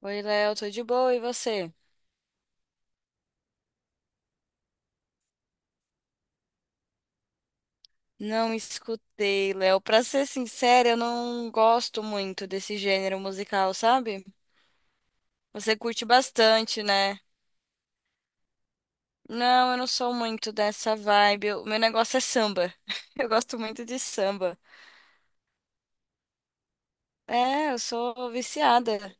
Oi, Léo, tô de boa, e você? Não escutei, Léo. Pra ser sincera, eu não gosto muito desse gênero musical, sabe? Você curte bastante, né? Não, eu não sou muito dessa vibe. O meu negócio é samba. Eu gosto muito de samba. É, eu sou viciada.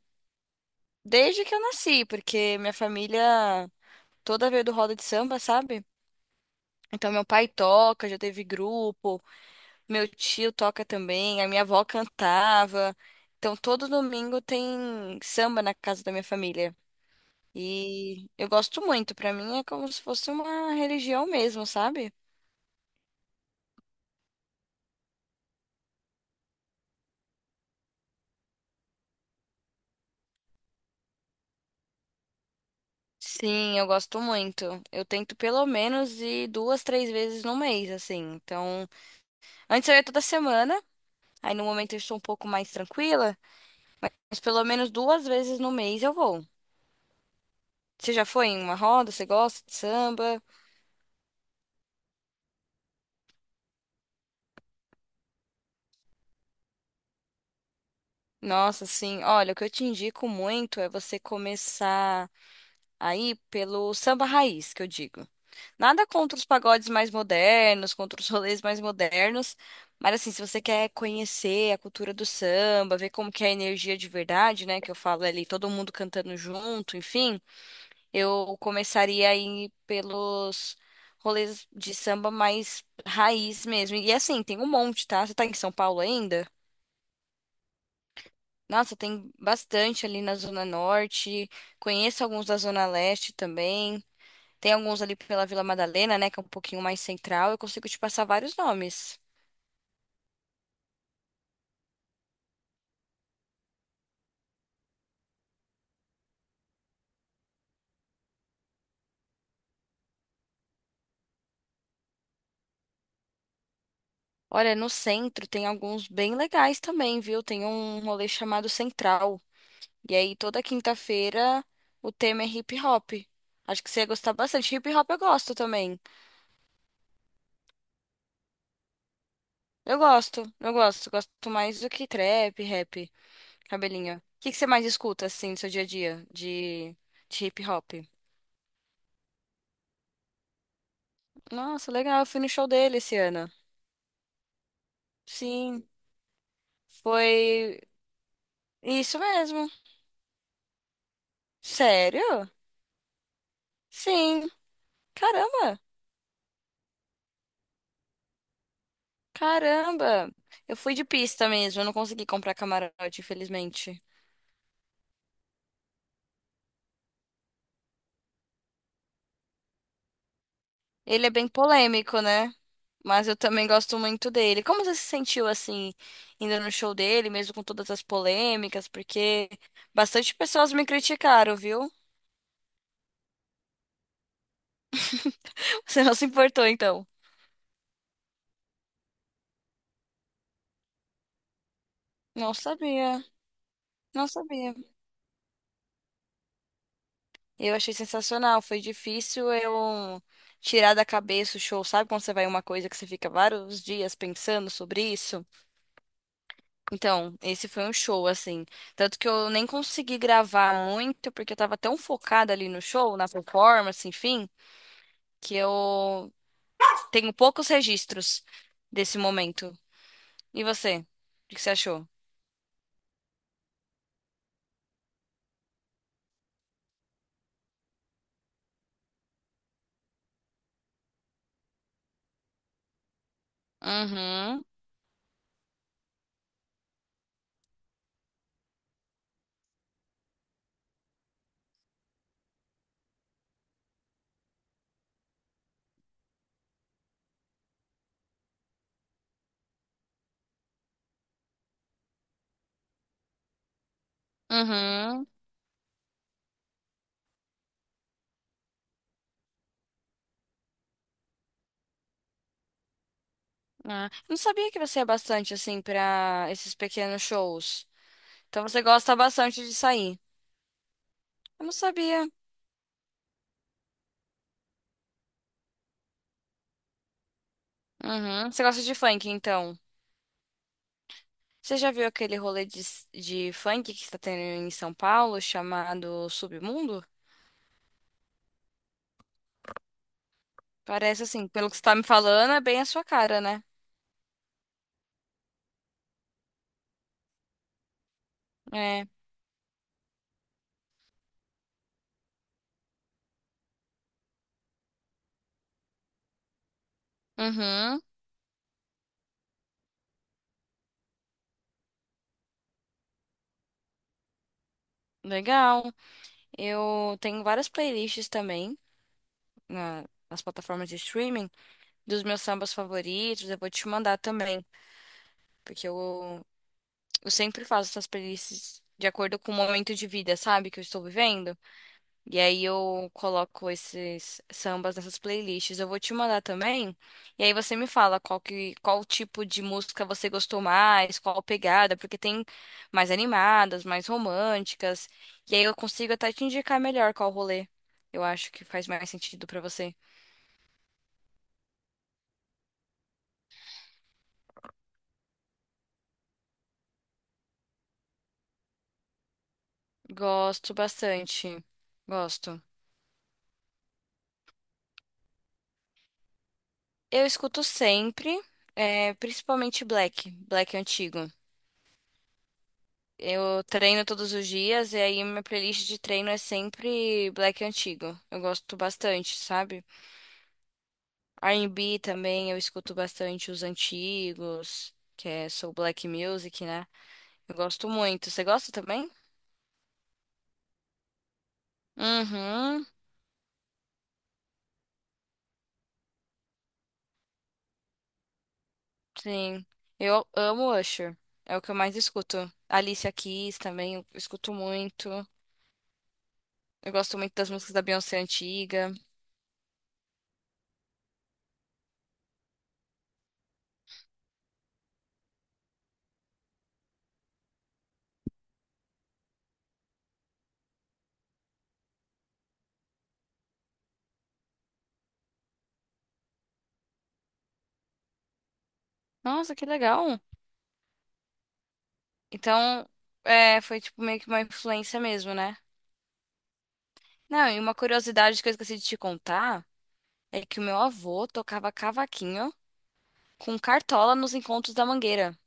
Desde que eu nasci, porque minha família toda veio do roda de samba, sabe? Então meu pai toca, já teve grupo. Meu tio toca também, a minha avó cantava. Então, todo domingo tem samba na casa da minha família. E eu gosto muito, pra mim é como se fosse uma religião mesmo, sabe? Sim, eu gosto muito. Eu tento pelo menos ir duas, três vezes no mês, assim. Então, antes eu ia toda semana, aí no momento eu estou um pouco mais tranquila, mas pelo menos duas vezes no mês eu vou. Você já foi em uma roda? Você gosta de samba? Nossa, sim. Olha, o que eu te indico muito é você começar aí pelo samba raiz, que eu digo. Nada contra os pagodes mais modernos, contra os rolês mais modernos, mas assim, se você quer conhecer a cultura do samba, ver como que é a energia de verdade, né, que eu falo ali, todo mundo cantando junto, enfim, eu começaria aí pelos rolês de samba mais raiz mesmo. E assim, tem um monte, tá? Você tá em São Paulo ainda? Nossa, tem bastante ali na Zona Norte. Conheço alguns da Zona Leste também. Tem alguns ali pela Vila Madalena, né, que é um pouquinho mais central. Eu consigo te passar vários nomes. Olha, no centro tem alguns bem legais também, viu? Tem um rolê chamado Central. E aí, toda quinta-feira, o tema é hip hop. Acho que você ia gostar bastante. Hip hop eu gosto também. Eu gosto, eu gosto. Gosto mais do que trap, rap, cabelinho. O que que você mais escuta, assim, no seu dia a dia de hip hop? Nossa, legal, eu fui no show dele esse ano. Sim, foi isso mesmo. Sério? Sim. Caramba, caramba. Eu fui de pista mesmo, eu não consegui comprar camarote, infelizmente. Ele é bem polêmico, né? Mas eu também gosto muito dele. Como você se sentiu assim, indo no show dele, mesmo com todas as polêmicas? Porque bastante pessoas me criticaram, viu? Você não se importou, então? Não sabia, não sabia. Eu achei sensacional. Foi difícil eu tirar da cabeça o show. Sabe quando você vai em uma coisa que você fica vários dias pensando sobre isso? Então, esse foi um show, assim. Tanto que eu nem consegui gravar muito, porque eu tava tão focada ali no show, na performance, enfim, que eu tenho poucos registros desse momento. E você? O que você achou? Uhum, uhum. Ah, eu não sabia que você é bastante, assim, pra esses pequenos shows. Então você gosta bastante de sair. Eu não sabia. Uhum. Você gosta de funk, então? Você já viu aquele rolê de funk que está tendo em São Paulo, chamado Submundo? Parece assim, pelo que você tá me falando, é bem a sua cara, né? É. Uhum. Legal. Eu tenho várias playlists também nas plataformas de streaming dos meus sambas favoritos. Eu vou te mandar também, porque eu sempre faço essas playlists de acordo com o momento de vida, sabe, que eu estou vivendo. E aí eu coloco esses sambas nessas playlists. Eu vou te mandar também. E aí você me fala qual tipo de música você gostou mais, qual pegada, porque tem mais animadas, mais românticas. E aí eu consigo até te indicar melhor qual rolê. Eu acho que faz mais sentido pra você. Gosto bastante. Gosto. Eu escuto sempre, é, principalmente Black, Black antigo. Eu treino todos os dias e aí minha playlist de treino é sempre black antigo. Eu gosto bastante, sabe? R&B também eu escuto bastante os antigos, que é Soul Black Music, né? Eu gosto muito. Você gosta também? Uhum, sim. Eu amo Usher. É o que eu mais escuto. Alicia Keys também eu escuto muito. Eu gosto muito das músicas da Beyoncé antiga. Nossa, que legal. Então, é, foi tipo meio que uma influência mesmo, né? Não, e uma curiosidade que eu esqueci de te contar é que o meu avô tocava cavaquinho com cartola nos encontros da Mangueira.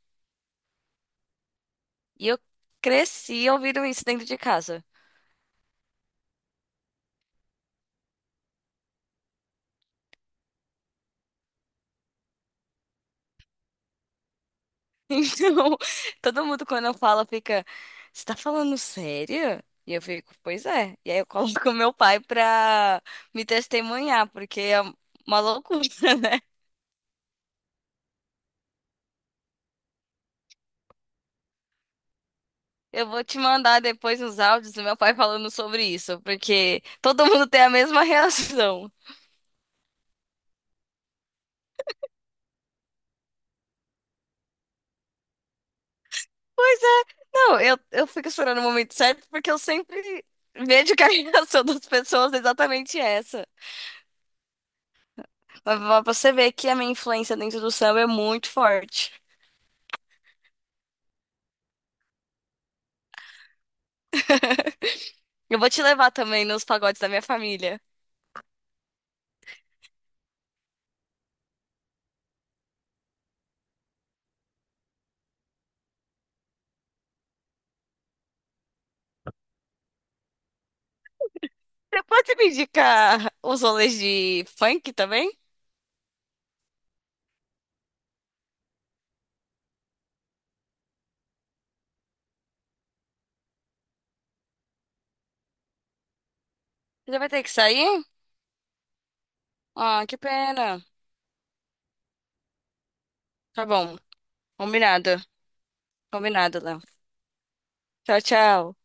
E eu cresci ouvindo isso dentro de casa. Então, todo mundo quando eu falo fica, você tá falando sério? E eu fico, pois é. E aí eu coloco meu pai pra me testemunhar, porque é uma loucura, né? Eu vou te mandar depois uns áudios do meu pai falando sobre isso, porque todo mundo tem a mesma reação. Pois é. Não, eu fico esperando o momento certo porque eu sempre vejo que a reação das pessoas é exatamente essa. Mas pra você ver que a minha influência dentro do samba é muito forte. Eu vou te levar também nos pagodes da minha família. Você pode me indicar os rolês de funk também? Você vai ter que sair? Ah, que pena. Tá bom. Combinado. Combinado, Léo. Tchau, tchau.